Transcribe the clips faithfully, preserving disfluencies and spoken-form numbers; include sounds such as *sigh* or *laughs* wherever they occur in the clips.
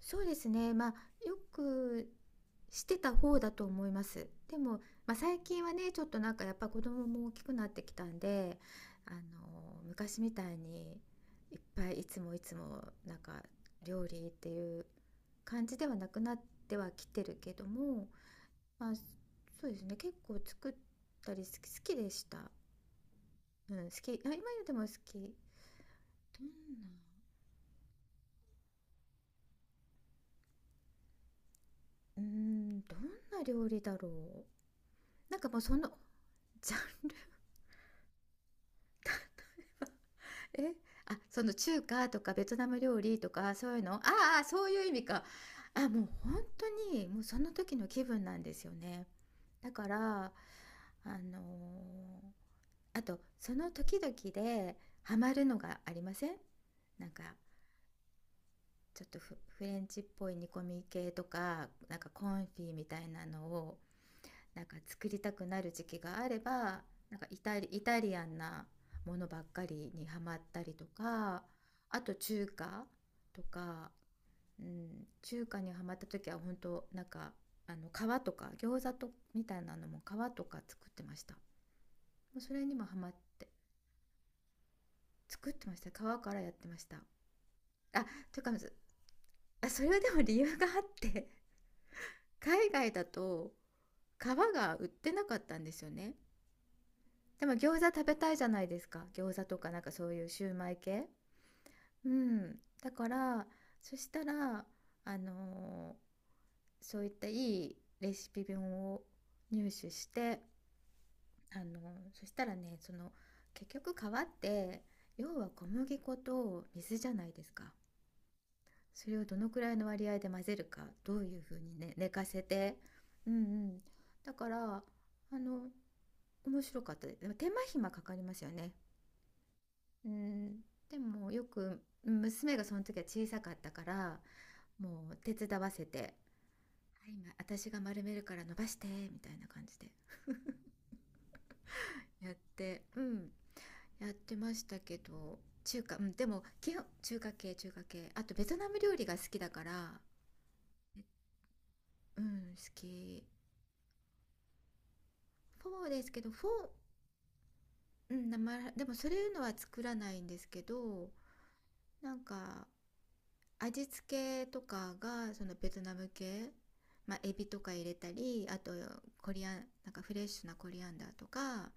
そうですね。まあ、よくしてた方だと思います。でも、まあ、最近はね、ちょっとなんかやっぱ子供も大きくなってきたんで、あの、昔みたいにいっぱいいつもいつもなんか料理っていう感じではなくなってはきてるけども、まあ、そうですね。結構作ったり好き、好きでした。うん、好き。あ、今でも好き。どんな、うーん、どんな料理だろう。なんかもうその、ジャンえ、あ、その中華とかベトナム料理とかそういうの、ああ、そういう意味か。あ、もう本当にもうその時の気分なんですよね。だから、あのーあとその時々でハマるのがありません、なんかちょっとフ、フレンチっぽい煮込み系とか、なんかコンフィみたいなのをなんか作りたくなる時期があれば、なんかイタリ、イタリアンなものばっかりにハマったりとか、あと中華とか、うん、中華にハマった時は本当なんか、あの皮とか餃子とみたいなのも皮とか作ってました。もうそれにもハマって作ってました、皮からやってました。あ、というか、あ、それはでも理由があって、海外だと皮が売ってなかったんですよね。でも餃子食べたいじゃないですか。餃子とかなんかそういうシューマイ系。うん。だから、そしたら、あのーそういったいいレシピ本を入手して、あのーそしたらね、その、結局皮って、要は小麦粉と水じゃないですか。それをどのくらいの割合で混ぜるか、どういうふうにね、寝かせて。うんうん。だから、あの、面白かったです。でも手間暇かかりますよね。うん、でもよく娘がその時は小さかったから、もう手伝わせて「はい、今私が丸めるから伸ばして」みたいな感じでやって、うん、やってましたけど。中華、うん、でも基本中華系、中華系、あとベトナム料理が好きだから、え、うん、好き。フォーですけど、フォー、うん、生でもそういうのは作らないんですけど、なんか味付けとかがそのベトナム系、まあ、エビとか入れたり、あとコリアン、なんかフレッシュなコリアンダーとか、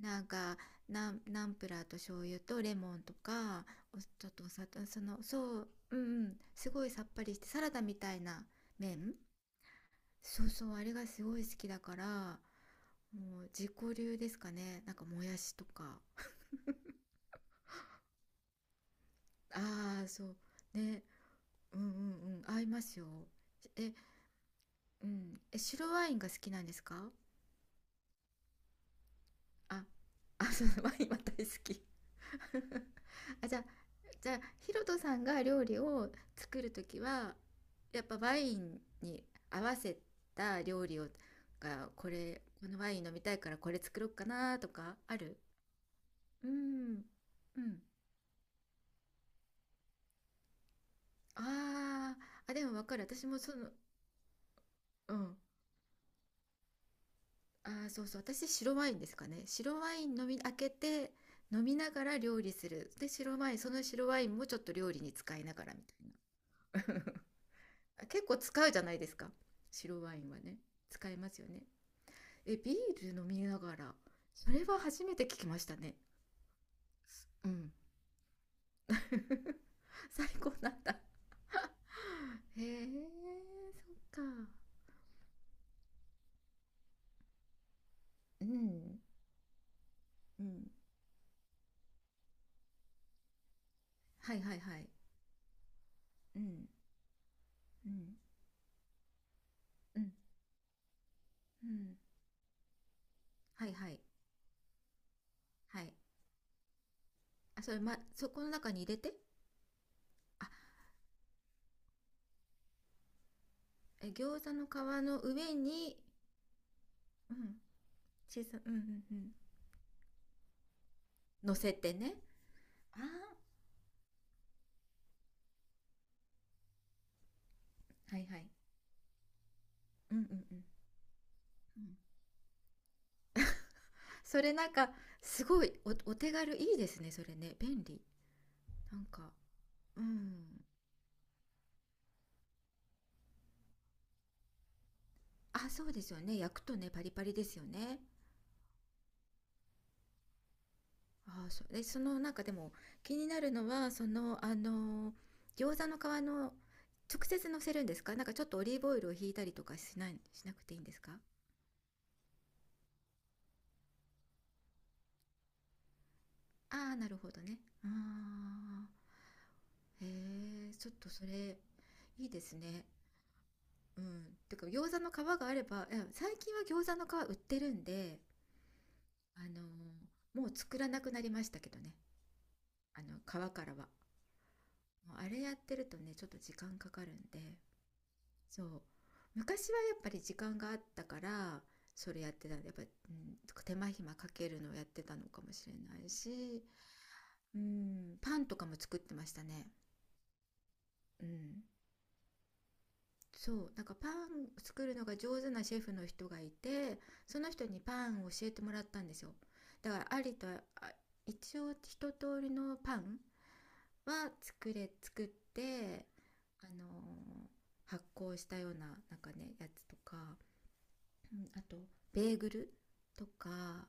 なんかナンナンプラーと醤油とレモンとか、お、ちょっとお砂糖、その、そう、うんうん、すごいさっぱりしてサラダみたいな麺、そうそう、あれがすごい好きだから、もう自己流ですかね、なんかもやしとか。ああー、そうね、うんうんうん、合いますよ。え、うん。え、白ワインが好きなんですか。あ、あ、そう、ワインは大好き。*laughs* あ、じゃあ、じゃあ、ヒロトさんが料理を作るときは、やっぱワインに合わせた料理を、が、これ、このワイン飲みたいからこれ作ろうかなとか、ある。うん。うん。ああ、あ、でもわかる。私もその、うん。ああ、そうそう。私、白ワインですかね。白ワイン飲み、開けて、飲みながら料理する。で、白ワイン、その白ワインもちょっと料理に使いながらみたいな。*laughs* 結構使うじゃないですか。白ワインはね。使いますよね。え、ビール飲みながら。それは初めて聞きましたね。うん。*laughs* 最高なんだ。へえ、そっか。うん。うん。はいはいはい。うん。うん。うん。うん。はいはい。はい。あ、それ、ま、そこの中に入れて、あ、え、餃子の皮の上に、うん、小さ、うんうん、うん、乗せてね、ああ、はいはい、うんうんうんうん、それなんかすごい、お、お手軽いいですね、それね、便利。なんか、うん、あ、そうですよね、焼くとねパリパリですよね。あ、そうで、そのなんかでも気になるのは、そのあの餃子の皮の、直接乗せるんですか、なんかちょっとオリーブオイルをひいたりとかしない、しなくていいんですか。ああ、なるほどね。ああ、へえ、ちょっとそれ、いいですね。うん。てか、餃子の皮があれば、いや最近は餃子の皮売ってるんで、あのーもう作らなくなりましたけどね。あの、皮からは。もうあれやってるとね、ちょっと時間かかるんで、そう。昔はやっぱり時間があったから、それやってたんで、やっぱ、うん、手間暇かけるのをやってたのかもしれないし、うん、パンとかも作ってましたね。うん。そう、なんかパン作るのが上手なシェフの人がいて、その人にパンを教えてもらったんですよ。だから、ありとあ一応一通りのパンは作れ作って、あのー発酵したようななんかねやつとか、うん、あとベーグルとか、あ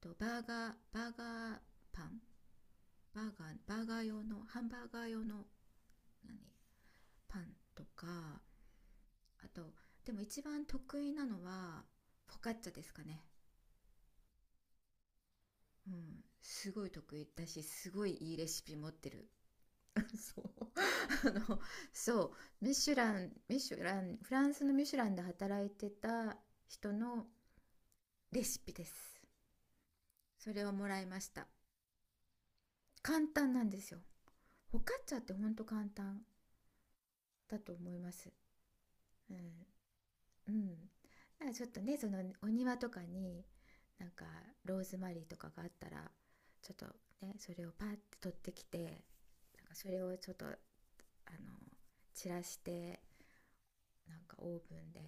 とバーガーバーガーパンバーガーバーガー用のハンバーガー用の何パンとか、あとでも一番得意なのはフォカッチャですかね、うん、すごい得意だしすごいいいレシピ持ってる。 *laughs* そう。 *laughs* あの、そう、ミシュランミシュラン、フランスのミシュランで働いてた人のレシピです、それをもらいました。簡単なんですよ、フォカッチャってほんと簡単だと思います、うん、うん、なんかちょっとね、そのお庭とかになんかローズマリーとかがあったら、ちょっとね、それをパッて取ってきて、なんかそれをちょっとあの散らして、なんかオーブンで、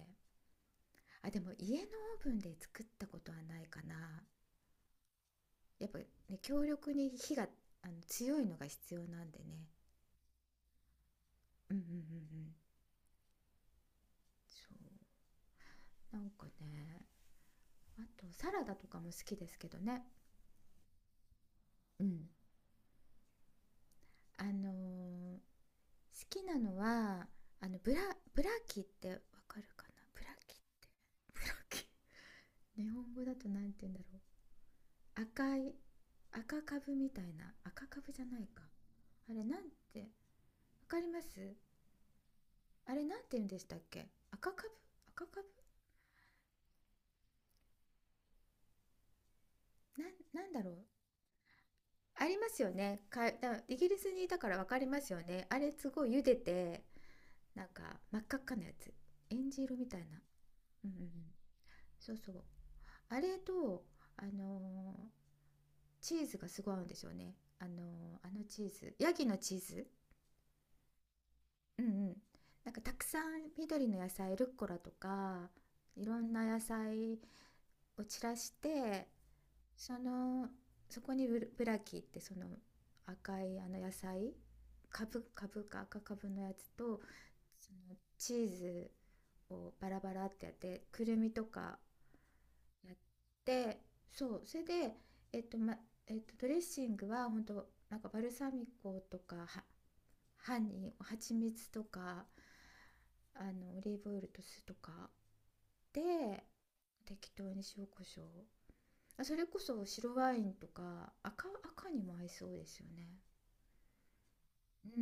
あ、でも家のオーブンで作ったことはないかな、やっぱね、強力に火が、あの強いのが必要なんでね。うんうんうんうん、そう、なんかね、あとサラダとかも好きですけどね。うん、あのーきなのは、あのブラブラキってわかるかな、ブラキって、ブラキ。 *laughs* 日本語だとなんて言うんだろう、赤い赤株みたいな、赤株じゃないか、あれなんて、わかります、あれなんて言うんでしたっけ、赤株、赤株、なんなんだろう。ありますよね、かだイギリスにいたからわかりますよね、あれすごい茹でて、なんか真っ赤っかなやつ、えんじ色みたいな、うんうん、そうそう、あれと、あのチーズがすごい合うんですよね、あのあのチーズ、ヤギのチーズ、うんうん、なんかたくさん緑の野菜、ルッコラとかいろんな野菜を散らして、その、そこにブルブラキってその赤いあの野菜、カブかブか赤カブのやつと、そのチーズをバラバラってやって、くるみとかやって、そう、それで、えっとまえっと、ドレッシングは本当なんかバルサミコとかは、ハニー蜂蜜とか、あのオリーブオイルと酢とかで適当に塩コショウ、あ、それこそ白ワインとか、赤赤にも合いそうですよね。う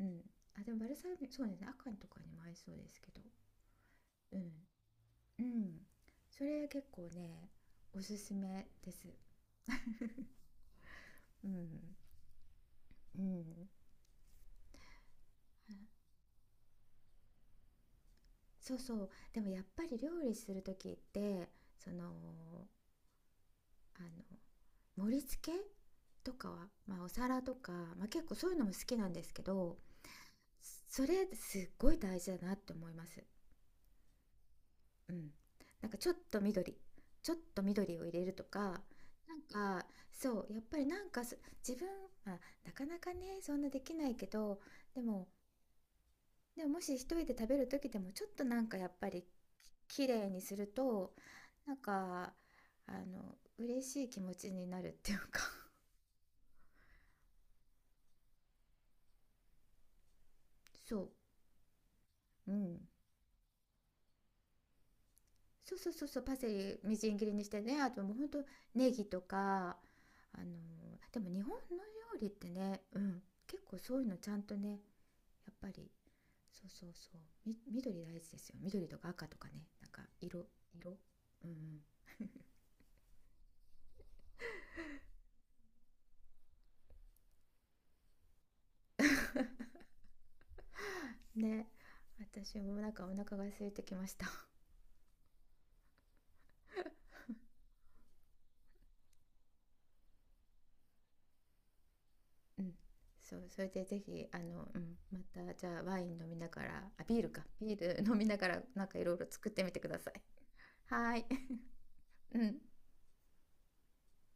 んうん、あ、でもバルサミコそうですね、赤とかにも合いそうですけど、うんうん、それ結構ね、おすすめです。うんうん、そうそう、でもやっぱり料理する時って、その、あの盛り付けとかは、まあ、お皿とか、まあ、結構そういうのも好きなんですけど、それすっごい大事だなって思います。うん、なんかちょっと緑、ちょっと緑を入れるとか、なんかそう、やっぱりなんかす自分、まあ、なかなかねそんなできないけど、でもでももし一人で食べる時でもちょっとなんかやっぱりきれいにすると、なんかあの嬉しい気持ちになるっていうか。 *laughs* そう、うん、そうそうそうそう、パセリみじん切りにしてね、あともうほんとネギとか、あのでも日本の料理ってね、うん、結構そういうのちゃんとねやっぱり、そうそうそう、み、緑大事ですよ、緑とか赤とかね、なんか色、色、うんうんね、私もなんかお腹が空いてきました。うん、そう、それでぜひあの、うん、またじゃあワイン飲みながら、あ、ビールか、ビール飲みながらなんかいろいろ作ってみてください。はーい。 *laughs* うん。